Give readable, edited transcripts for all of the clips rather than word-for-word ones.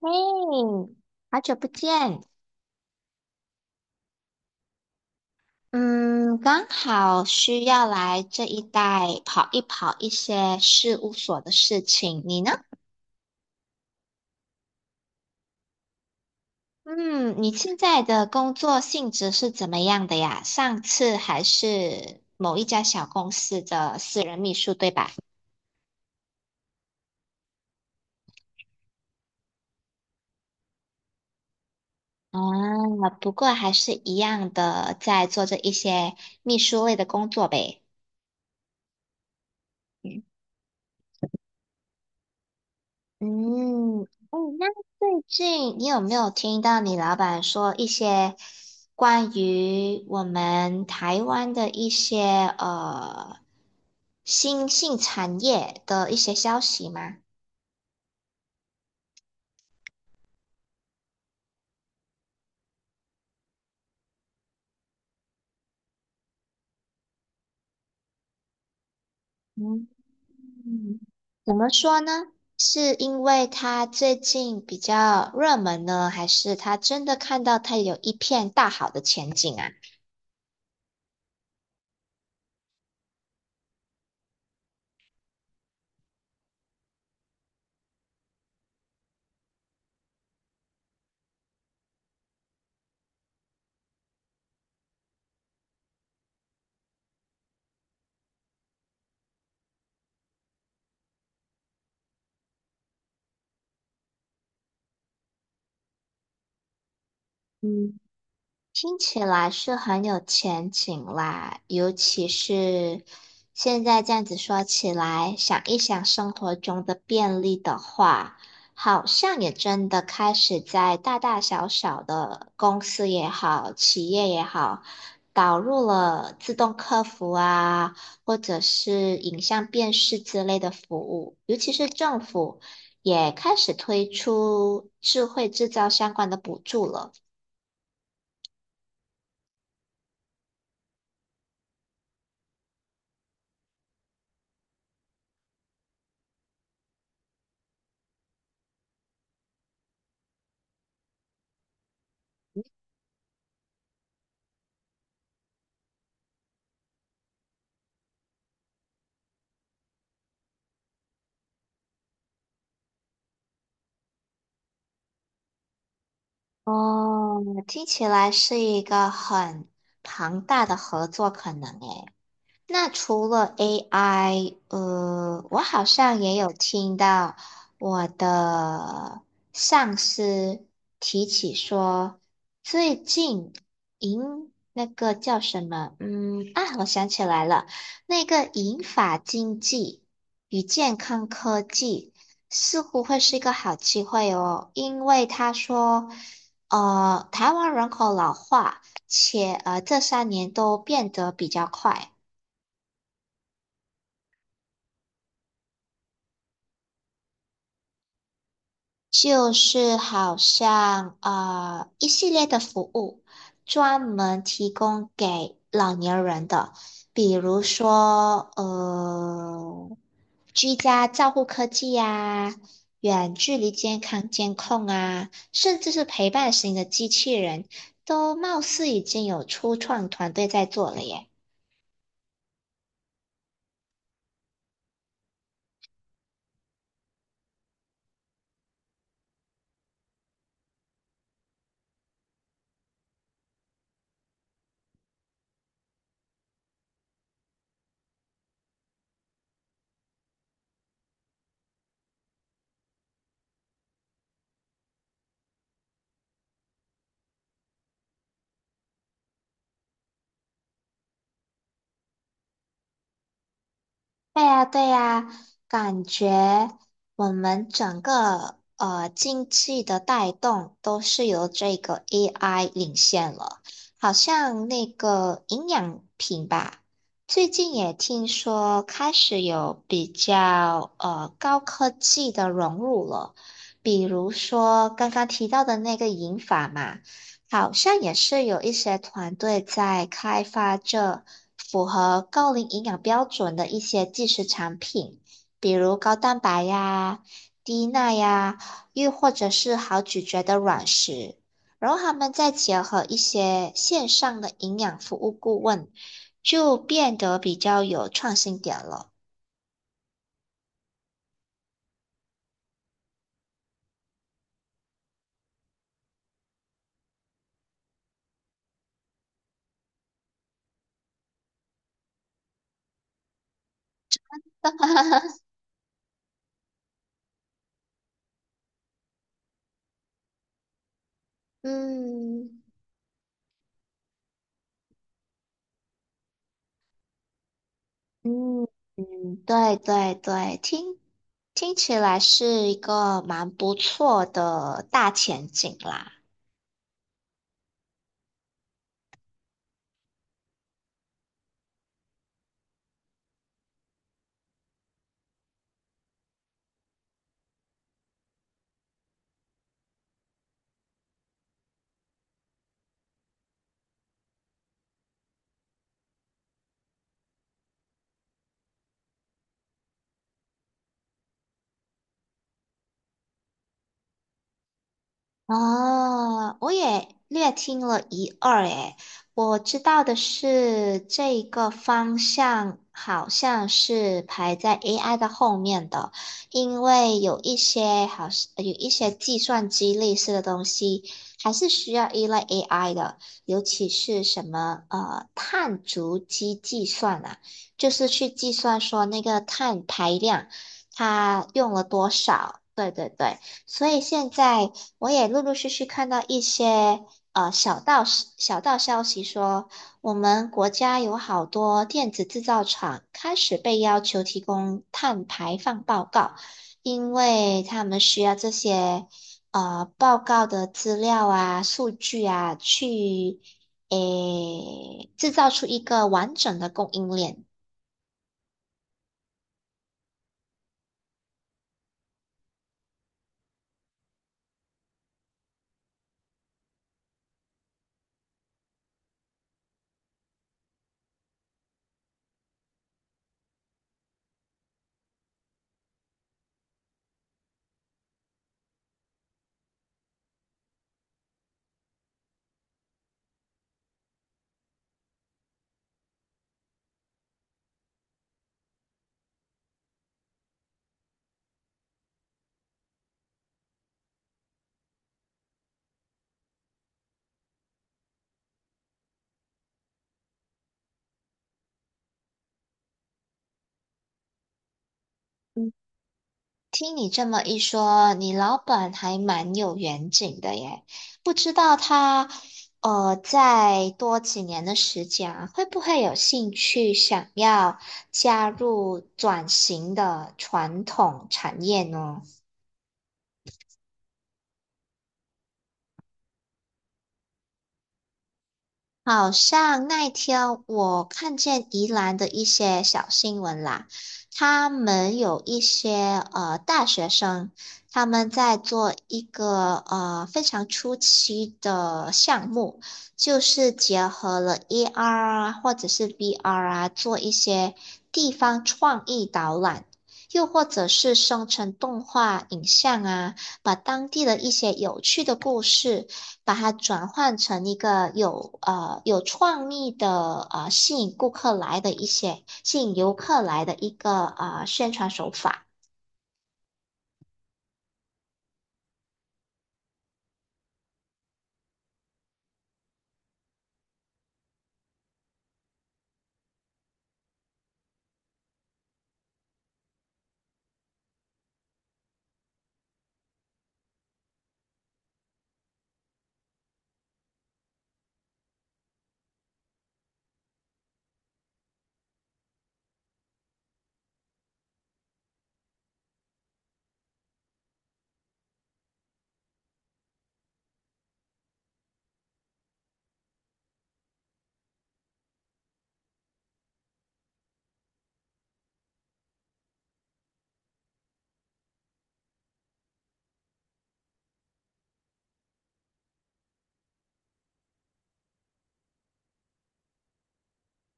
嘿，好久不见。嗯，刚好需要来这一带跑一些事务所的事情。你呢？嗯，你现在的工作性质是怎么样的呀？上次还是某一家小公司的私人秘书，对吧？啊，不过还是一样的，在做着一些秘书类的工作呗。嗯嗯，哦，那最近你有没有听到你老板说一些关于我们台湾的一些呃新兴产业的一些消息吗？嗯，怎么说呢？是因为他最近比较热门呢，还是他真的看到他有一片大好的前景啊？嗯。听起来是很有前景啦，尤其是现在这样子说起来，想一想生活中的便利的话，好像也真的开始在大大小小的公司也好，企业也好，导入了自动客服啊，或者是影像辨识之类的服务，尤其是政府也开始推出智慧制造相关的补助了。哦，听起来是一个很庞大的合作可能诶。那除了 AI，我好像也有听到我的上司提起说，最近银那个叫什么？嗯啊，我想起来了，那个银发经济与健康科技似乎会是一个好机会哦，因为他说，台湾人口老化，且这3年都变得比较快。就是好像一系列的服务，专门提供给老年人的，比如说居家照护科技呀、远距离健康监控啊，甚至是陪伴型的机器人，都貌似已经有初创团队在做了耶。对呀，对呀，感觉我们整个经济的带动都是由这个 AI 领先了。好像那个营养品吧，最近也听说开始有比较高科技的融入了，比如说刚刚提到的那个银发嘛。好像也是有一些团队在开发这符合高龄营养标准的一些即食产品，比如高蛋白呀、低钠呀，又或者是好咀嚼的软食。然后他们再结合一些线上的营养服务顾问，就变得比较有创新点了。嗯。嗯嗯，对对对，听起来是一个蛮不错的大前景啦。哦，我也略听了一二诶，我知道的是这个方向好像是排在 AI 的后面的，因为有一些计算机类似的东西还是需要依赖 AI 的，尤其是什么碳足迹计算啊，就是去计算说那个碳排量它用了多少，对对对。所以现在我也陆陆续续看到一些小道消息说，我们国家有好多电子制造厂开始被要求提供碳排放报告，因为他们需要这些报告的资料啊、数据啊，去诶制造出一个完整的供应链。听你这么一说，你老板还蛮有远景的耶。不知道他，再多几年的时间啊，会不会有兴趣想要加入转型的传统产业呢？好像那一天我看见宜兰的一些小新闻啦，他们有一些大学生，他们在做一个非常初期的项目，就是结合了 AR 啊或者是 VR 啊，做一些地方创意导览。又或者是生成动画影像啊，把当地的一些有趣的故事。把它转换成一个有有创意的吸引游客来的一个啊宣传手法。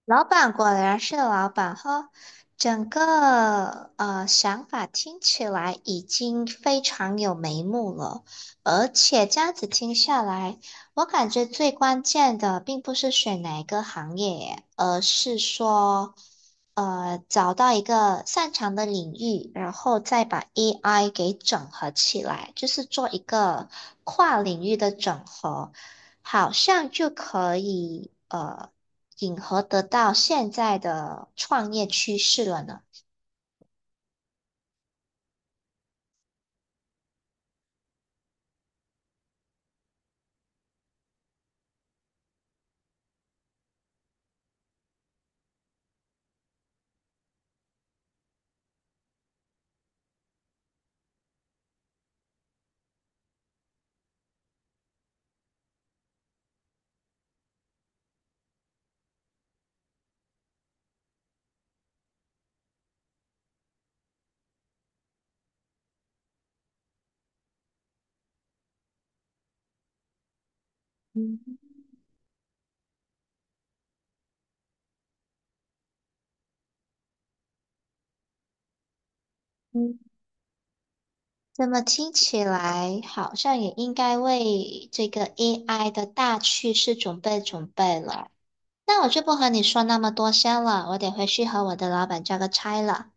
老板果然是老板哈，整个想法听起来已经非常有眉目了，而且这样子听下来，我感觉最关键的并不是选哪一个行业，而是说找到一个擅长的领域，然后再把 AI 给整合起来，就是做一个跨领域的整合。好像就可以迎合得到现在的创业趋势了呢。嗯，嗯，那么听起来好像也应该为这个 AI 的大趋势准备了。那我就不和你说那么多先了，我得回去和我的老板交个差了。